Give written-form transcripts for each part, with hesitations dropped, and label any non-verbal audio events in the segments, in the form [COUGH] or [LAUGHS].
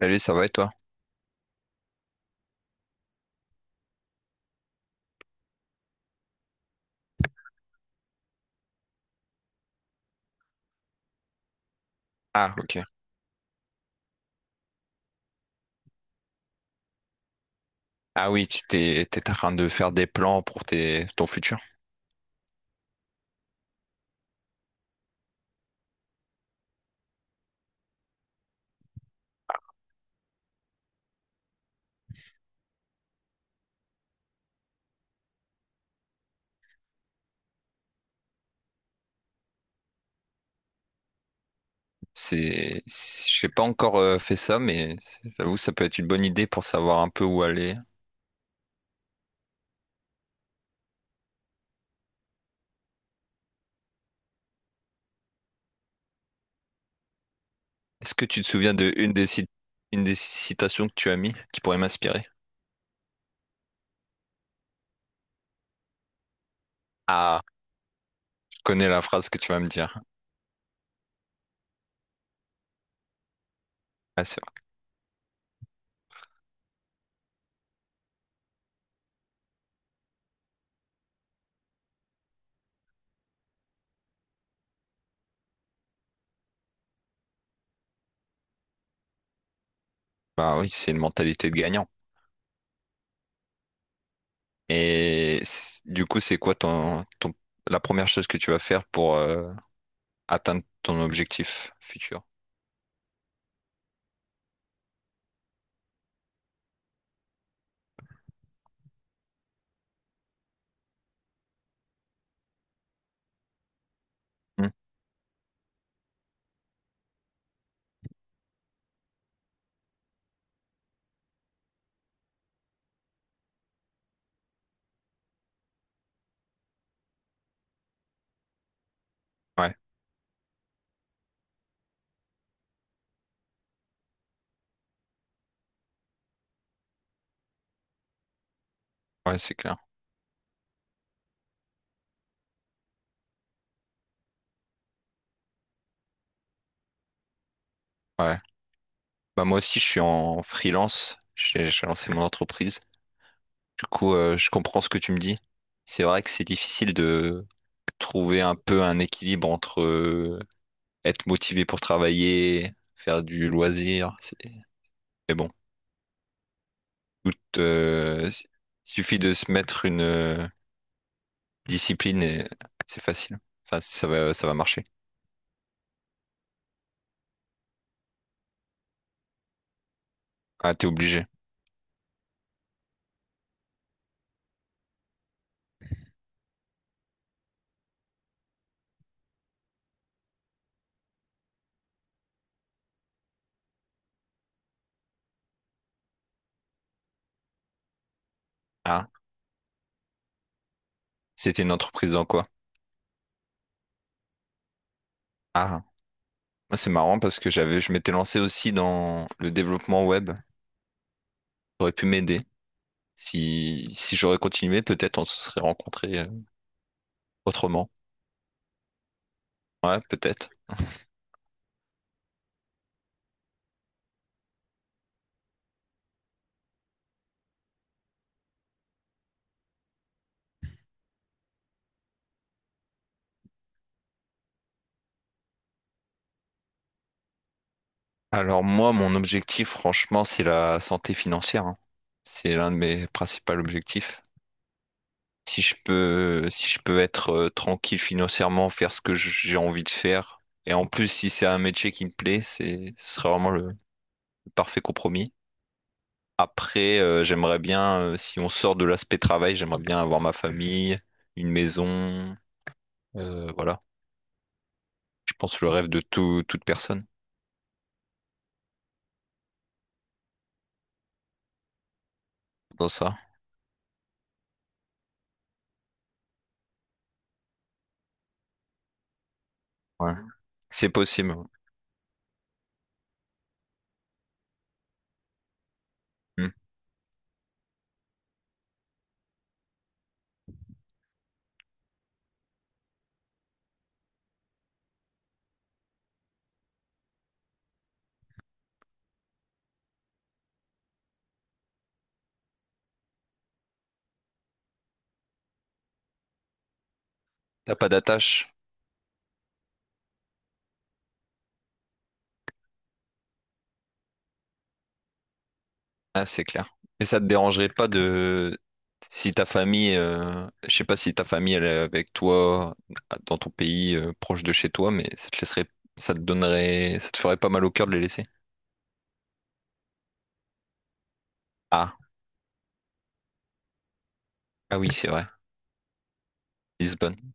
Salut, ça va et toi? Ah, ok. Ah oui, tu t'es, t'es en train de faire des plans pour tes, ton futur. C'est, je n'ai pas encore fait ça, mais j'avoue, ça peut être une bonne idée pour savoir un peu où aller. Est-ce que tu te souviens de une des, une des citations que tu as mis qui pourrait m'inspirer? Ah, je connais la phrase que tu vas me dire. Ah, c'est vrai. Bah oui, c'est une mentalité de gagnant. Et du coup, c'est quoi ton, ton, la première chose que tu vas faire pour atteindre ton objectif futur? Hmm. Ouais. Ouais, c'est clair. Ouais. Bah moi aussi, je suis en freelance. J'ai lancé mon entreprise. Du coup, je comprends ce que tu me dis. C'est vrai que c'est difficile de trouver un peu un équilibre entre être motivé pour travailler, faire du loisir. Mais bon, tout, suffit de se mettre une discipline et c'est facile. Enfin, ça va marcher. Ah, t'es obligé. Ah, c'était une entreprise dans quoi? Ah, moi, c'est marrant parce que j'avais, je m'étais lancé aussi dans le développement web. Aurait pu m'aider. Si, si j'aurais continué, peut-être on se serait rencontrés autrement. Ouais, peut-être. Alors moi, mon objectif, franchement, c'est la santé financière, hein. C'est l'un de mes principaux objectifs. Si je peux, si je peux être tranquille financièrement, faire ce que j'ai envie de faire, et en plus, si c'est un métier qui me plaît, c'est, ce serait vraiment le parfait compromis. Après, j'aimerais bien, si on sort de l'aspect travail, j'aimerais bien avoir ma famille, une maison, voilà. Je pense le rêve de toute personne dans ça. Ouais. C'est possible. Hmm. T'as pas d'attache. Ah, c'est clair. Mais ça te dérangerait pas de si ta famille, je sais pas si ta famille elle est avec toi ah, dans ton pays proche de chez toi, mais ça te laisserait, ça te donnerait, ça te ferait pas mal au cœur de les laisser. Ah, ah oui, c'est vrai. Lisbonne,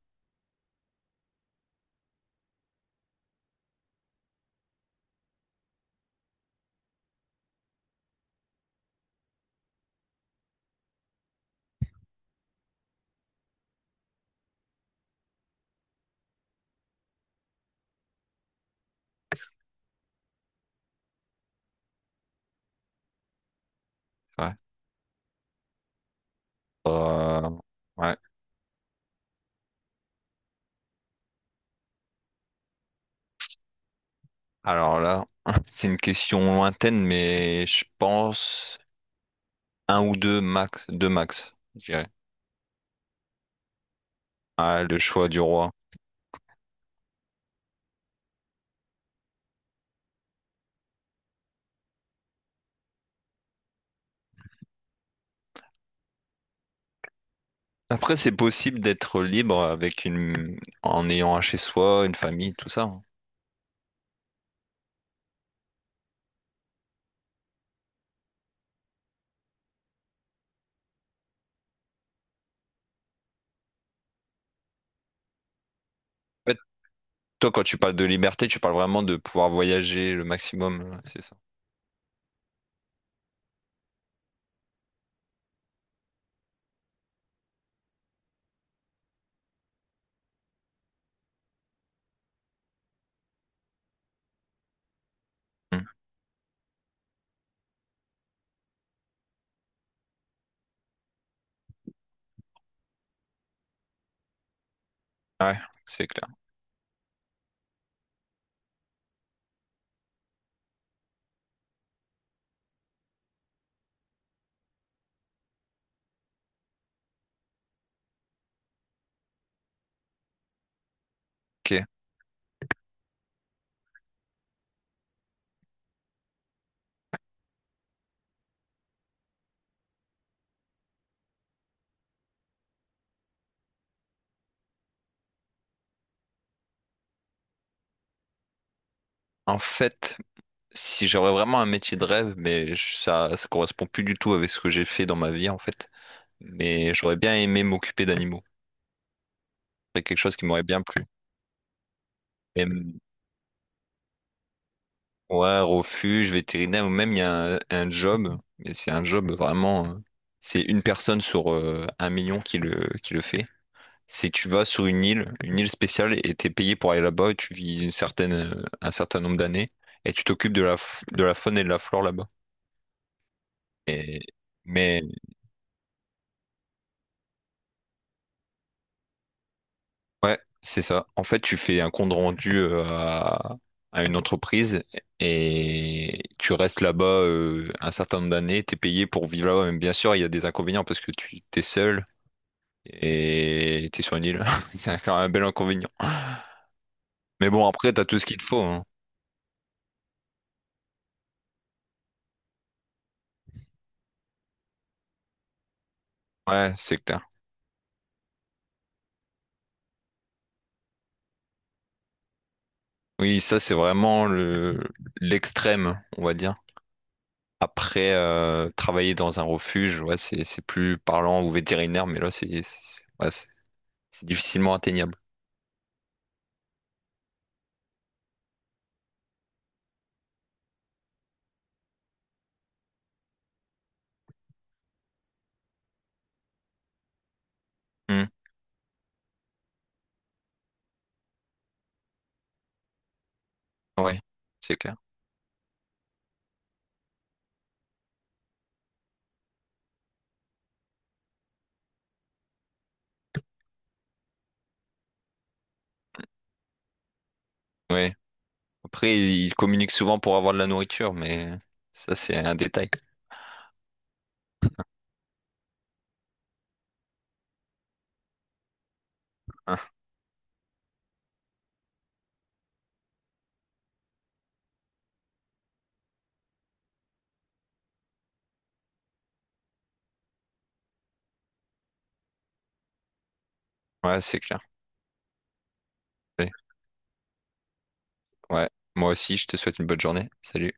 c'est vrai. Euh, ouais. Alors là, [LAUGHS] c'est une question lointaine, mais je pense un ou deux max, deux max. Ah, le choix du roi. Après, c'est possible d'être libre avec une... en ayant un chez soi, une famille, tout ça, hein. En fait, toi, quand tu parles de liberté, tu parles vraiment de pouvoir voyager le maximum, ouais, c'est ça. Hmm. Ouais, c'est clair. Ok. En fait, si j'aurais vraiment un métier de rêve, mais ça, ça correspond plus du tout avec ce que j'ai fait dans ma vie, en fait. Mais j'aurais bien aimé m'occuper d'animaux. C'est quelque chose qui m'aurait bien plu. Ouais, refuge, vétérinaire, ou même il y a un job, mais c'est un job vraiment, c'est une personne sur un million qui le fait. C'est que tu vas sur une île spéciale, et t'es payé pour aller là-bas, et tu vis une certaine, un certain nombre d'années, et tu t'occupes de la, de la faune et de la flore là-bas. Et, mais ouais, c'est ça. En fait, tu fais un compte rendu à une entreprise et tu restes là-bas un certain nombre d'années, t'es payé pour vivre là-bas. Mais bien sûr, il y a des inconvénients parce que tu t'es seul et tu es sur une île. [LAUGHS] C'est quand même un bel inconvénient. Mais bon, après, t'as tout ce qu'il te faut, hein. Ouais, c'est clair. Oui, ça, c'est vraiment le l'extrême, on va dire. Après, travailler dans un refuge, ouais, c'est plus parlant ou vétérinaire, mais là, c'est ouais, c'est difficilement atteignable. Hmm. Ouais, c'est clair. Ouais. Après, ils communiquent souvent pour avoir de la nourriture, mais ça, c'est un détail. Hein. Ouais, c'est clair. Ouais. Ouais. Moi aussi, je te souhaite une bonne journée. Salut.